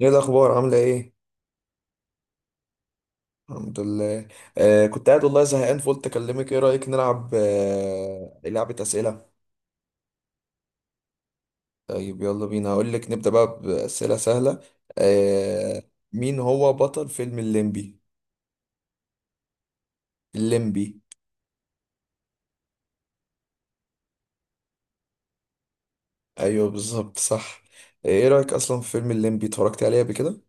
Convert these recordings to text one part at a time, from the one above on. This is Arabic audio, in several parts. ايه الاخبار؟ عامله ايه؟ الحمد لله. كنت قاعد والله زهقان فقلت اكلمك، ايه رايك نلعب لعبه اسئله؟ طيب، يلا بينا، هقول لك نبدا بقى باسئله سهله. آه. مين هو بطل فيلم الليمبي؟ الليمبي. ايوه، بالظبط، صح. ايه رايك اصلا في فيلم الليمبي؟ اتفرجت عليه قبل كده؟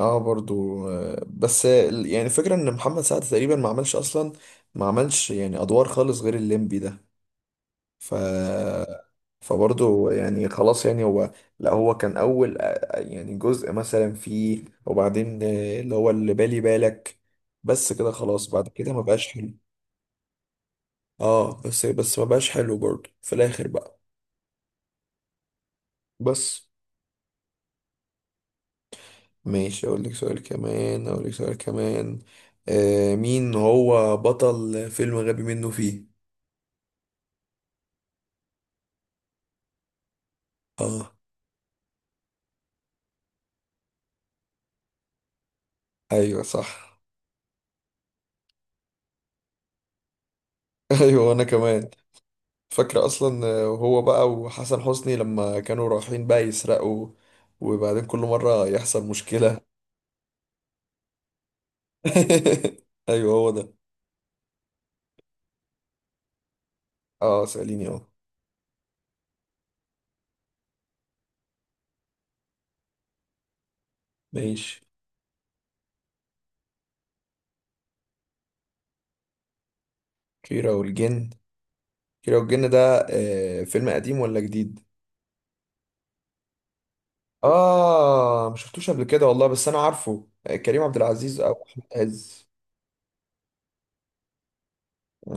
اه، برضو بس يعني الفكره ان محمد سعد تقريبا ما عملش اصلا. ما عملش يعني ادوار خالص غير الليمبي ده. ف فبرضه يعني خلاص، يعني هو، لا، هو كان اول يعني جزء مثلا فيه، وبعدين اللي هو اللي بالي بالك. بس كده خلاص، بعد كده ما بقاش حلو. اه، بس ما بقاش حلو برضه في الاخر بقى. بس. ماشي، اقول لك سؤال كمان، اقول لك سؤال كمان. مين هو بطل فيلم غبي منه فيه؟ اه. ايوه، صح. ايوه، انا كمان. فاكرة أصلا هو بقى وحسن حسني لما كانوا رايحين بقى يسرقوا، وبعدين كل مرة يحصل مشكلة. أيوه، هو ده. اه، سأليني، اه. ماشي. كيرة والجن. كيرة والجن ده فيلم قديم ولا جديد؟ اه، مشفتوش قبل كده والله، بس أنا عارفه كريم عبد العزيز أو أحمد عز.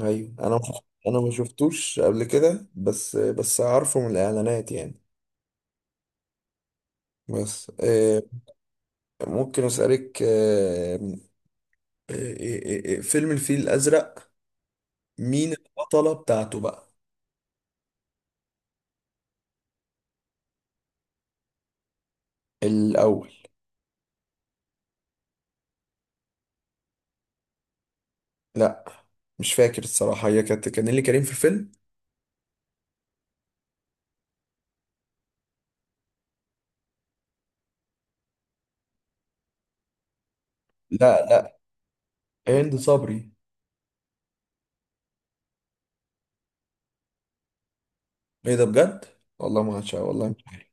أيوه، أنا. أنا ما شفتوش قبل كده، بس عارفه من الإعلانات يعني. بس ممكن أسألك فيلم الفيل الأزرق، مين البطلة بتاعته بقى؟ الأول. لا. مش فاكر الصراحة، هي كانت كان اللي كريم في الفيلم. لا، لا. هند صبري. ايه ده؟ بجد؟ والله ما عشان والله مش-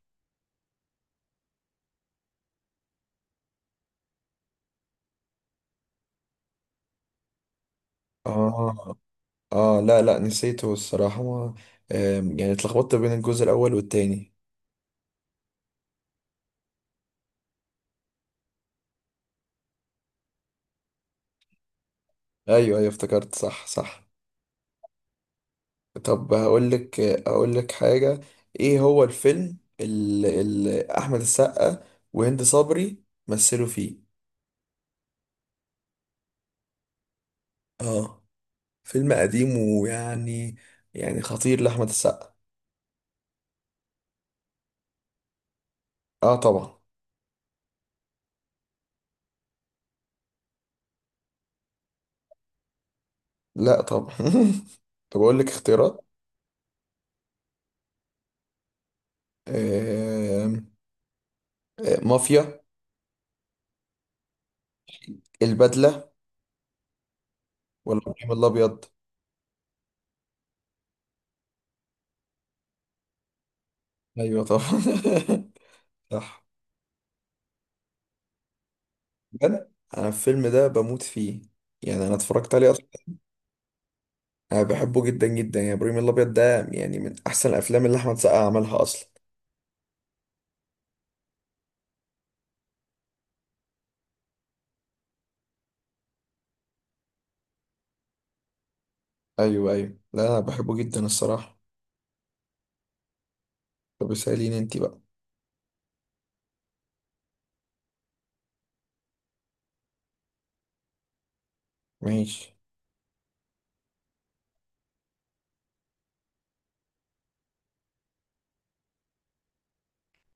اه، اه، لا، لا، نسيته الصراحة، ما، يعني اتلخبطت بين الجزء الأول والتاني. ايوه، ايوه، افتكرت، صح، صح. طب، هقول لك اقول لك حاجة، ايه هو الفيلم اللي احمد السقا وهند صبري مثلوا فيه؟ اه. فيلم قديم، ويعني، يعني خطير لأحمد السقا. اه، طبعا. لا، طبعا. طب، اقول لك اختيارات. آم، آه، مافيا، البدلة، ولا ابراهيم الابيض؟ ايوه، طبعا. صح. بجد؟ انا الفيلم ده بموت فيه، يعني انا اتفرجت عليه اصلا. انا بحبه جدا جدا، يعني ابراهيم الابيض ده يعني من احسن الافلام اللي احمد سقا عملها اصلا. ايوه، ايوه، لا، انا بحبه جدا الصراحة. طب، اساليني انت بقى. ماشي.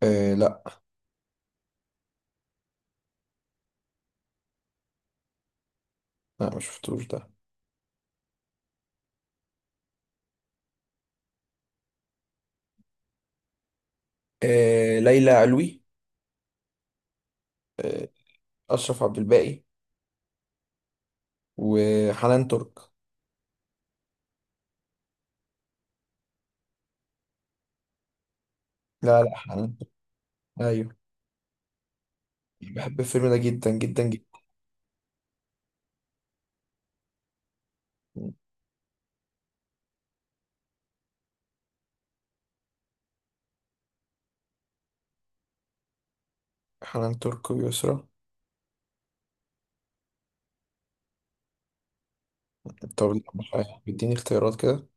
لا، لا، ما شفتوش ده. ليلى علوي، أشرف عبد الباقي، وحنان ترك. لا، لا، حنان ترك. أيوه. بحب الفيلم ده جدا جدا جدا. حنان ترك ويسرا. طب، لا، مش عارف، اديني اختيارات كده.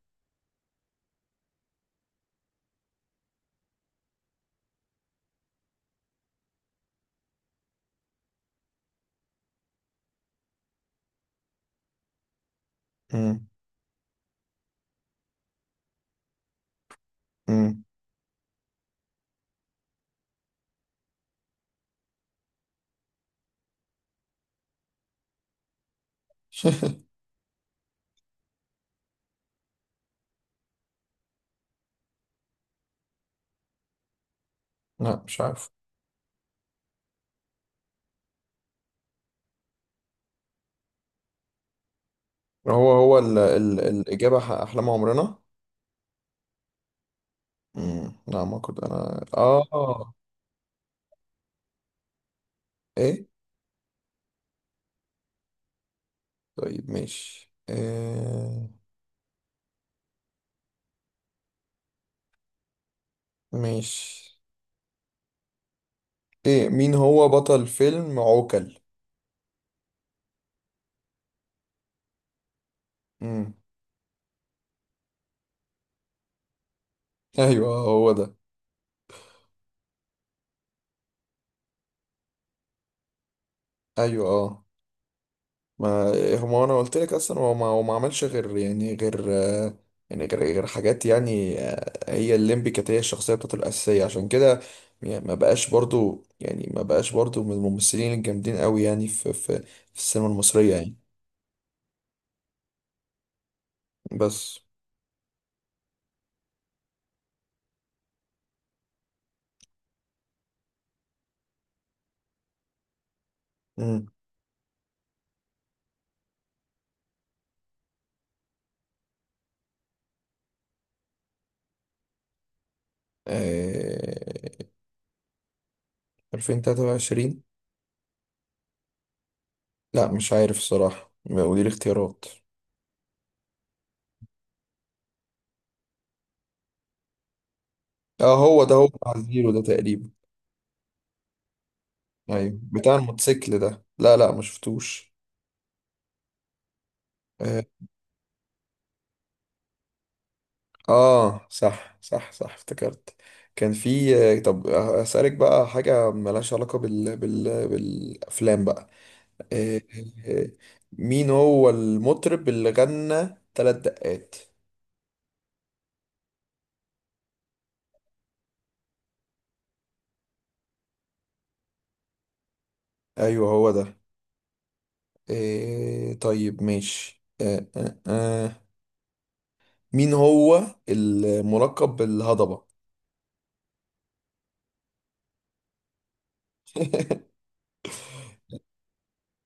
مم. مم. لا، مش عارف. هو ال الإجابة أحلام عمرنا. مم. لا، ما كنت أنا. إيه؟ طيب، ماشي. ماشي. إيه، مين هو بطل فيلم عوكل؟ مم. أيوه، هو ده. أيوه. ما هو انا قلت لك اصلا، هو ما هو ما عملش غير، يعني غير يعني غير حاجات، يعني هي الليمبي كانت هي الشخصيه بتاعته الاساسيه عشان كده. يعني ما بقاش برضو، يعني ما بقاش برضو من الممثلين الجامدين قوي يعني في السينما المصريه يعني. بس. امم آه 2023؟ لا، مش عارف الصراحه، قولي لي اختيارات. اه، هو ده، هو بتاع زيرو ده تقريبا. ايوه، بتاع الموتوسيكل ده، لا، لا، ما شفتوش. آه، اه، صح، صح، صح، افتكرت. كان في طب، اسالك بقى حاجه ملهاش علاقه بالافلام بقى. آه، آه، مين هو المطرب اللي غنى ثلاث دقات؟ ايوه، هو ده. طيب، ماشي. مين هو الملقب بالهضبه؟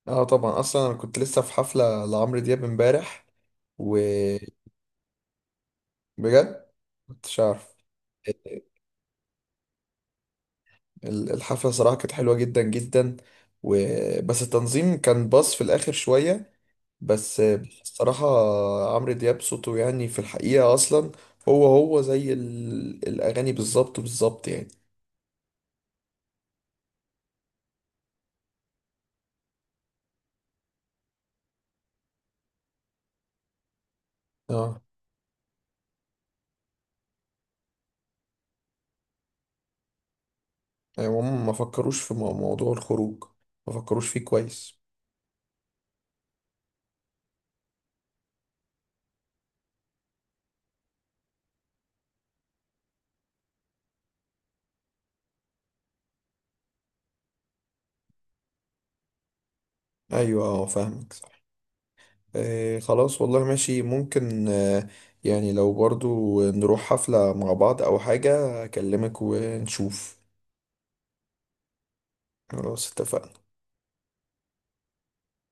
اه، طبعا، اصلا انا كنت لسه في حفله لعمرو دياب امبارح، وبجد. كنتش عارف؟ الحفلة صراحة كانت حلوة جدا جدا. و... بس التنظيم كان باص في الآخر شوية. بس، الصراحة، عمرو دياب صوته يعني في الحقيقة أصلا، هو زي الأغاني، بالظبط بالظبط، يعني. اه. يعني هم ما فكروش في موضوع الخروج، ما فكروش فيه كويس. أيوة، اه، فاهمك، صح. خلاص، والله ماشي، ممكن. يعني لو برضو نروح حفلة مع بعض أو حاجة، أكلمك ونشوف. خلاص، اتفقنا.